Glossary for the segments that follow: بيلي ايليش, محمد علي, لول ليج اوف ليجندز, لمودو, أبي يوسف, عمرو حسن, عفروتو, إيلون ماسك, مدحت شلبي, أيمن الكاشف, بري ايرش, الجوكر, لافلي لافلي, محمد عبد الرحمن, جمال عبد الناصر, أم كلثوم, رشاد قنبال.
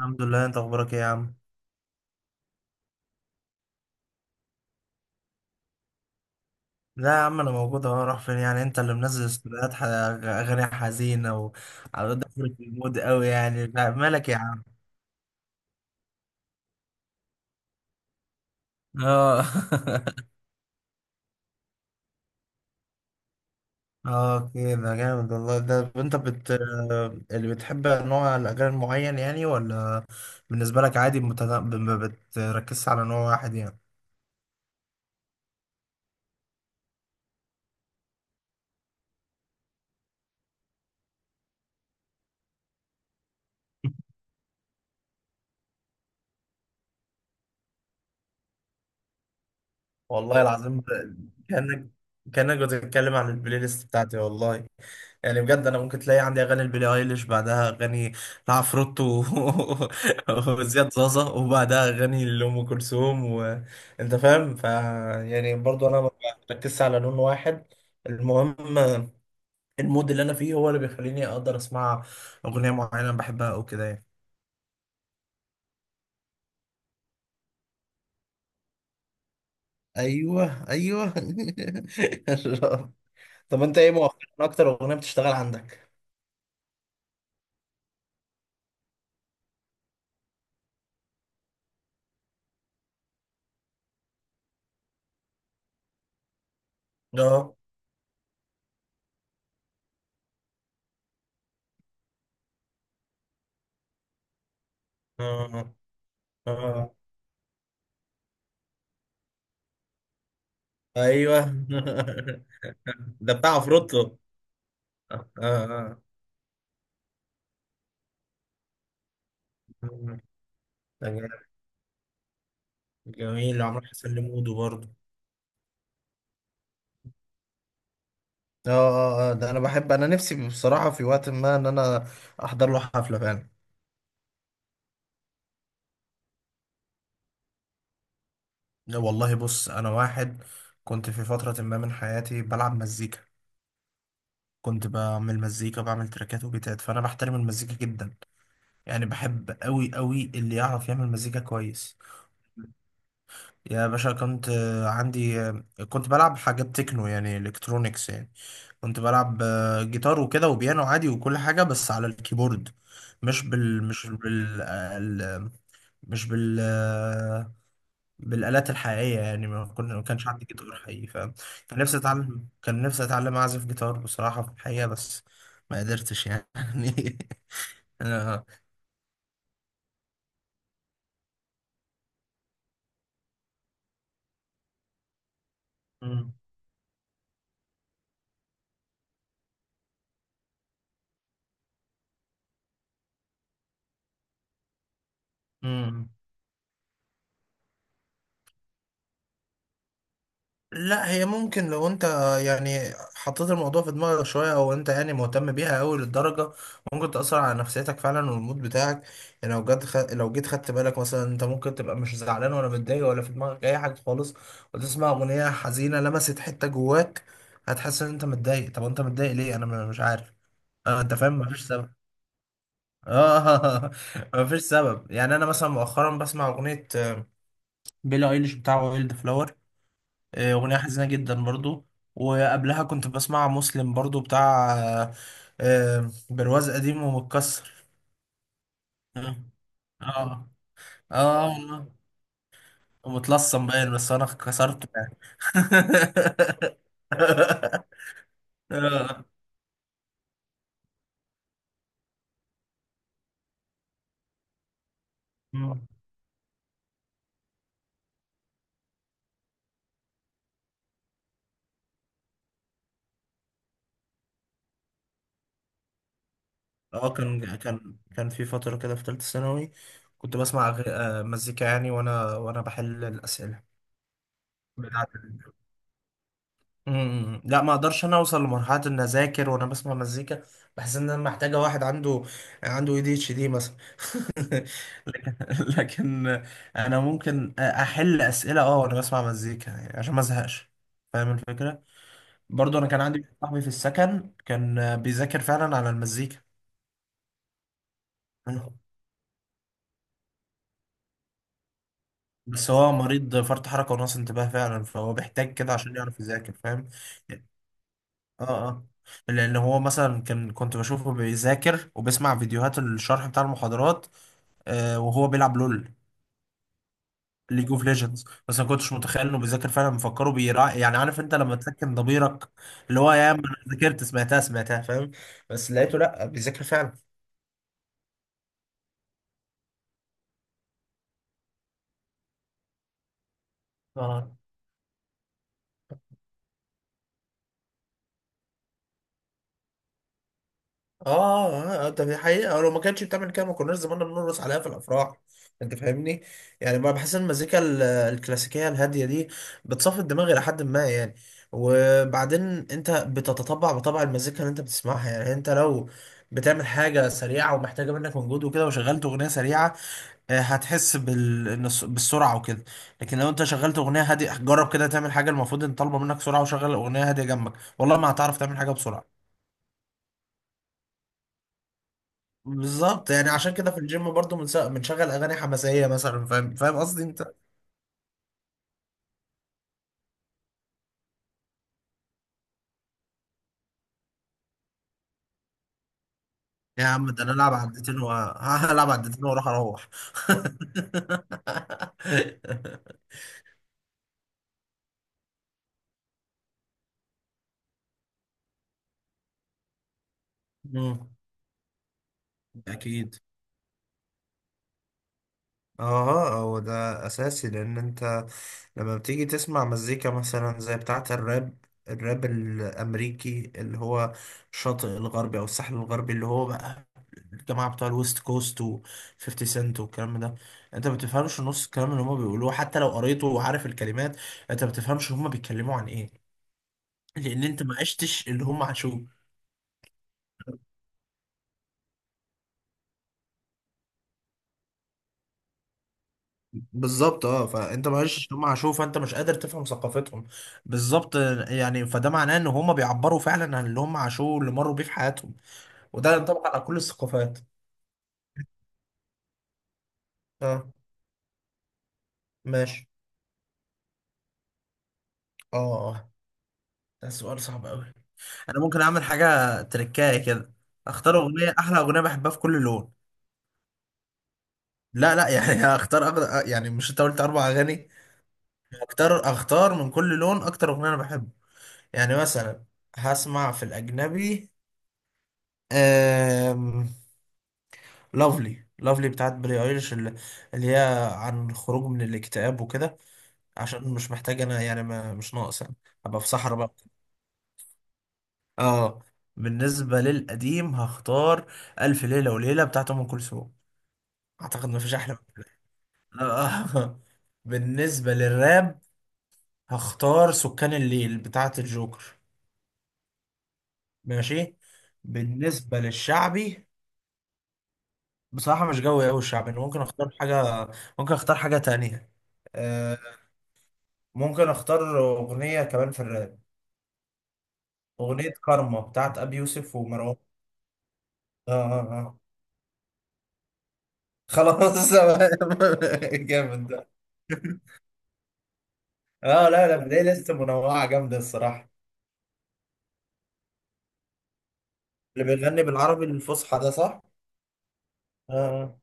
الحمد لله، انت اخبارك ايه يا عم؟ لا يا عم انا موجود اهو. راح فين يعني؟ انت اللي منزل استوديوهات اغاني حزينه وعلى داخل في المود قوي يعني. لا مالك يا عم. اه اه كده جامد والله. ده انت بت اللي بتحب نوع الاغاني معين يعني ولا بالنسبه لك عادي ما بتركزش على نوع واحد يعني؟ والله العظيم كانك كانك بتتكلم عن البلاي ليست بتاعتي والله. يعني بجد انا ممكن تلاقي عندي اغاني لبيلي ايليش، بعدها اغاني لعفروتو وزياد زازا، وبعدها اغاني لام كلثوم، وانت فاهم. ف يعني برضو انا ما بركزش على لون واحد. المهم المود اللي انا فيه هو اللي بيخليني اقدر اسمع اغنيه معينه بحبها او كده يعني. ايوه ايوه طب انت ايه مؤخرا اكتر اغنيه بتشتغل عندك؟ اه اه اه ايوه ده بتاع عفروتو. اه اه مم. ده جامد. جميل عمرو حسن لمودو برضه. اه اه اه ده انا بحب، انا نفسي بصراحة في وقت ما ان انا احضر له حفلة فعلا. لا والله بص انا واحد كنت في فترة ما من حياتي بلعب مزيكا، كنت بعمل مزيكا، بعمل تراكات وبيتات، فانا بحترم المزيكا جدا. يعني بحب قوي قوي اللي يعرف يعمل مزيكا كويس. يا باشا كنت عندي كنت بلعب حاجات تكنو يعني الكترونيكس يعني. كنت بلعب جيتار وكده وبيانو عادي وكل حاجة بس على الكيبورد. مش بال مش بال آه، ال- مش بال آه، بالآلات الحقيقية يعني. ما كانش عندي جيتار حقيقي، فاهم. كان نفسي اتعلم اعزف جيتار بصراحة في الحقيقة، بس ما قدرتش يعني أنا- مم. مم. لا هي ممكن لو انت يعني حطيت الموضوع في دماغك شوية او انت يعني مهتم بيها قوي للدرجة ممكن تأثر على نفسيتك فعلا والمود بتاعك. يعني لو جد لو جيت خدت بالك، مثلا انت ممكن تبقى مش زعلان ولا متضايق ولا في دماغك اي حاجة خالص، وتسمع اغنية حزينة لمست حتة جواك، هتحس ان انت متضايق. طب انت متضايق ليه؟ انا مش عارف. اه انت فاهم، مفيش سبب. اه مفيش سبب. يعني انا مثلا مؤخرا بسمع اغنية بيلي ايليش بتاع وايلد فلاور، أغنية حزينة جدا برضو. وقبلها كنت بسمع مسلم برضو بتاع برواز قديم ومتكسر. اه اه والله. ومتلصم باين بس انا كسرته يعني اه كان كان في فترة كده في ثالثة ثانوي كنت بسمع مزيكا يعني وانا بحل الأسئلة بتاعتي. مم. لا ما اقدرش انا اوصل لمرحله ان اذاكر وانا بسمع مزيكا. بحس ان انا محتاجه واحد عنده اي دي اتش دي مثلا لكن لكن انا ممكن احل اسئله اه وانا بسمع مزيكا يعني عشان ما ازهقش، فاهم الفكره. برضو انا كان عندي واحد صاحبي في السكن كان بيذاكر فعلا على المزيكا. بس هو مريض فرط حركه ونقص انتباه فعلا، فهو بيحتاج كده عشان يعرف يذاكر فاهم. اه اه لان هو مثلا كنت بشوفه بيذاكر وبيسمع فيديوهات الشرح بتاع المحاضرات، آه وهو بيلعب لول ليج اوف ليجندز، بس ما كنتش متخيل انه بيذاكر فعلا. مفكره بيرا يعني، عارف انت لما تسكن ضميرك اللي هو يا عم انا ذاكرت سمعتها سمعتها، فاهم. بس لقيته لا بيذاكر فعلا. اه اه اه ده في حقيقة، لو ما كانتش بتعمل كده ما كناش زماننا بنرقص عليها في الافراح، انت فاهمني. يعني ما بحس ان المزيكا الكلاسيكية الهادية دي بتصفي الدماغ الى حد ما يعني. وبعدين انت بتتطبع بطبع المزيكا اللي انت بتسمعها. يعني انت لو بتعمل حاجة سريعة ومحتاجة منك مجهود وكده وشغلت اغنية سريعة، هتحس إن بالسرعة وكده. لكن لو انت شغلت اغنية هادية، جرب كده تعمل حاجة المفروض ان طالبة منك سرعة وشغل اغنية هادية جنبك، والله ما هتعرف تعمل حاجة بسرعة. بالظبط، يعني عشان كده في الجيم برضو بنشغل اغاني حماسيه مثلا، فاهم فاهم قصدي انت. يا عم ده انا العب عدتين وهلعب عدتين اروح مم. اكيد. اه هو ده اساسي، لان انت لما بتيجي تسمع مزيكا مثلا زي بتاعة الراب، الراب الأمريكي اللي هو الشاطئ الغربي أو الساحل الغربي اللي هو بقى الجماعة بتوع الويست كوست و 50 سنت والكلام ده، انت ما بتفهمش نص الكلام اللي هما بيقولوه، حتى لو قريته وعارف الكلمات انت ما بتفهمش هما بيتكلموا عن ايه، لان انت ما عشتش اللي هم عاشوه. بالظبط اه، فانت ما عشتش اللي هم عاشوه فانت مش قادر تفهم ثقافتهم. بالظبط، يعني فده معناه ان هم بيعبروا فعلا عن اللي هم عاشوه واللي مروا بيه في حياتهم، وده ينطبق على كل الثقافات. اه ماشي اه اه ده سؤال صعب قوي. انا ممكن اعمل حاجه تركايه كده، اختار اغنيه، احلى اغنيه بحبها في كل لون. لا لا يعني يعني مش انت قلت اربع اغاني؟ اختار من كل لون اكتر اغنيه انا بحبها. يعني مثلا هسمع في الاجنبي، أم... لافلي بتاعت بري ايرش، اللي هي عن الخروج من الاكتئاب وكده، عشان مش محتاج انا يعني، ما مش ناقص يعني. ابقى في صحراء بقى. اه. بالنسبة للقديم هختار ألف ليلة وليلة بتاعت أم كلثوم، أعتقد مفيش أحلى من كده. آه. بالنسبة للراب هختار سكان الليل بتاعت الجوكر. ماشي. بالنسبة للشعبي بصراحة مش جوي أوي الشعبي، أنا ممكن أختار حاجة، ممكن أختار حاجة تانية. آه. ممكن أختار أغنية كمان في الراب، أغنية كارما بتاعت أبي يوسف ومروان. آه آه آه خلاص جامد ده. اه لا لا، بلاقي لسه منوعة جامدة الصراحة. اللي بيغني بالعربي الفصحى ده، صح؟ اه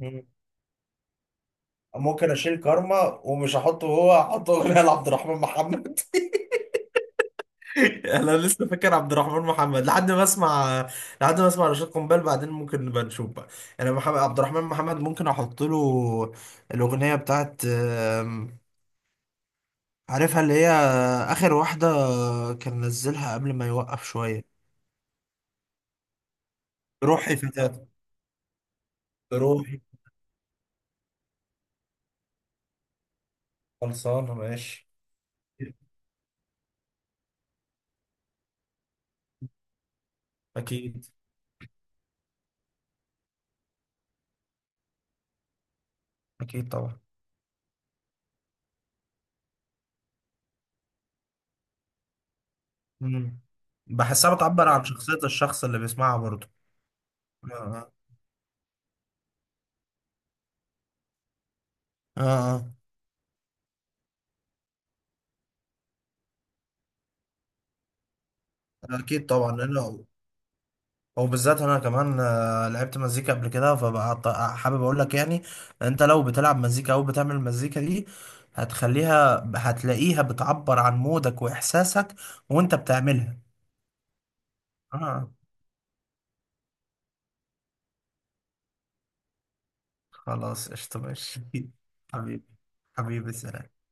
مم. ممكن اشيل كارما، ومش هحطه، هو هحطه اغنية لعبد الرحمن محمد. انا لسه فاكر عبد الرحمن محمد لحد ما اسمع رشاد قنبال، بعدين ممكن نبقى نشوف بقى. انا محمد عبد الرحمن محمد ممكن احط له الاغنية بتاعت عارفها اللي هي اخر واحدة كان نزلها قبل ما يوقف شوية. روحي فتاة. روحي. خلصانة ماشي. أكيد أكيد طبعا. مم. بحسها بتعبر عن شخصية الشخص اللي بيسمعها برضه. آه آه آه آه. أكيد طبعا لأنه، وبالذات أنا كمان لعبت مزيكا قبل كده، فبقى حابب أقول لك يعني، أنت لو بتلعب مزيكا أو بتعمل مزيكا دي هتلاقيها بتعبر عن مودك وإحساسك وأنت بتعملها. آه خلاص قشطة ماشي حبيبي. حبيبي سلام.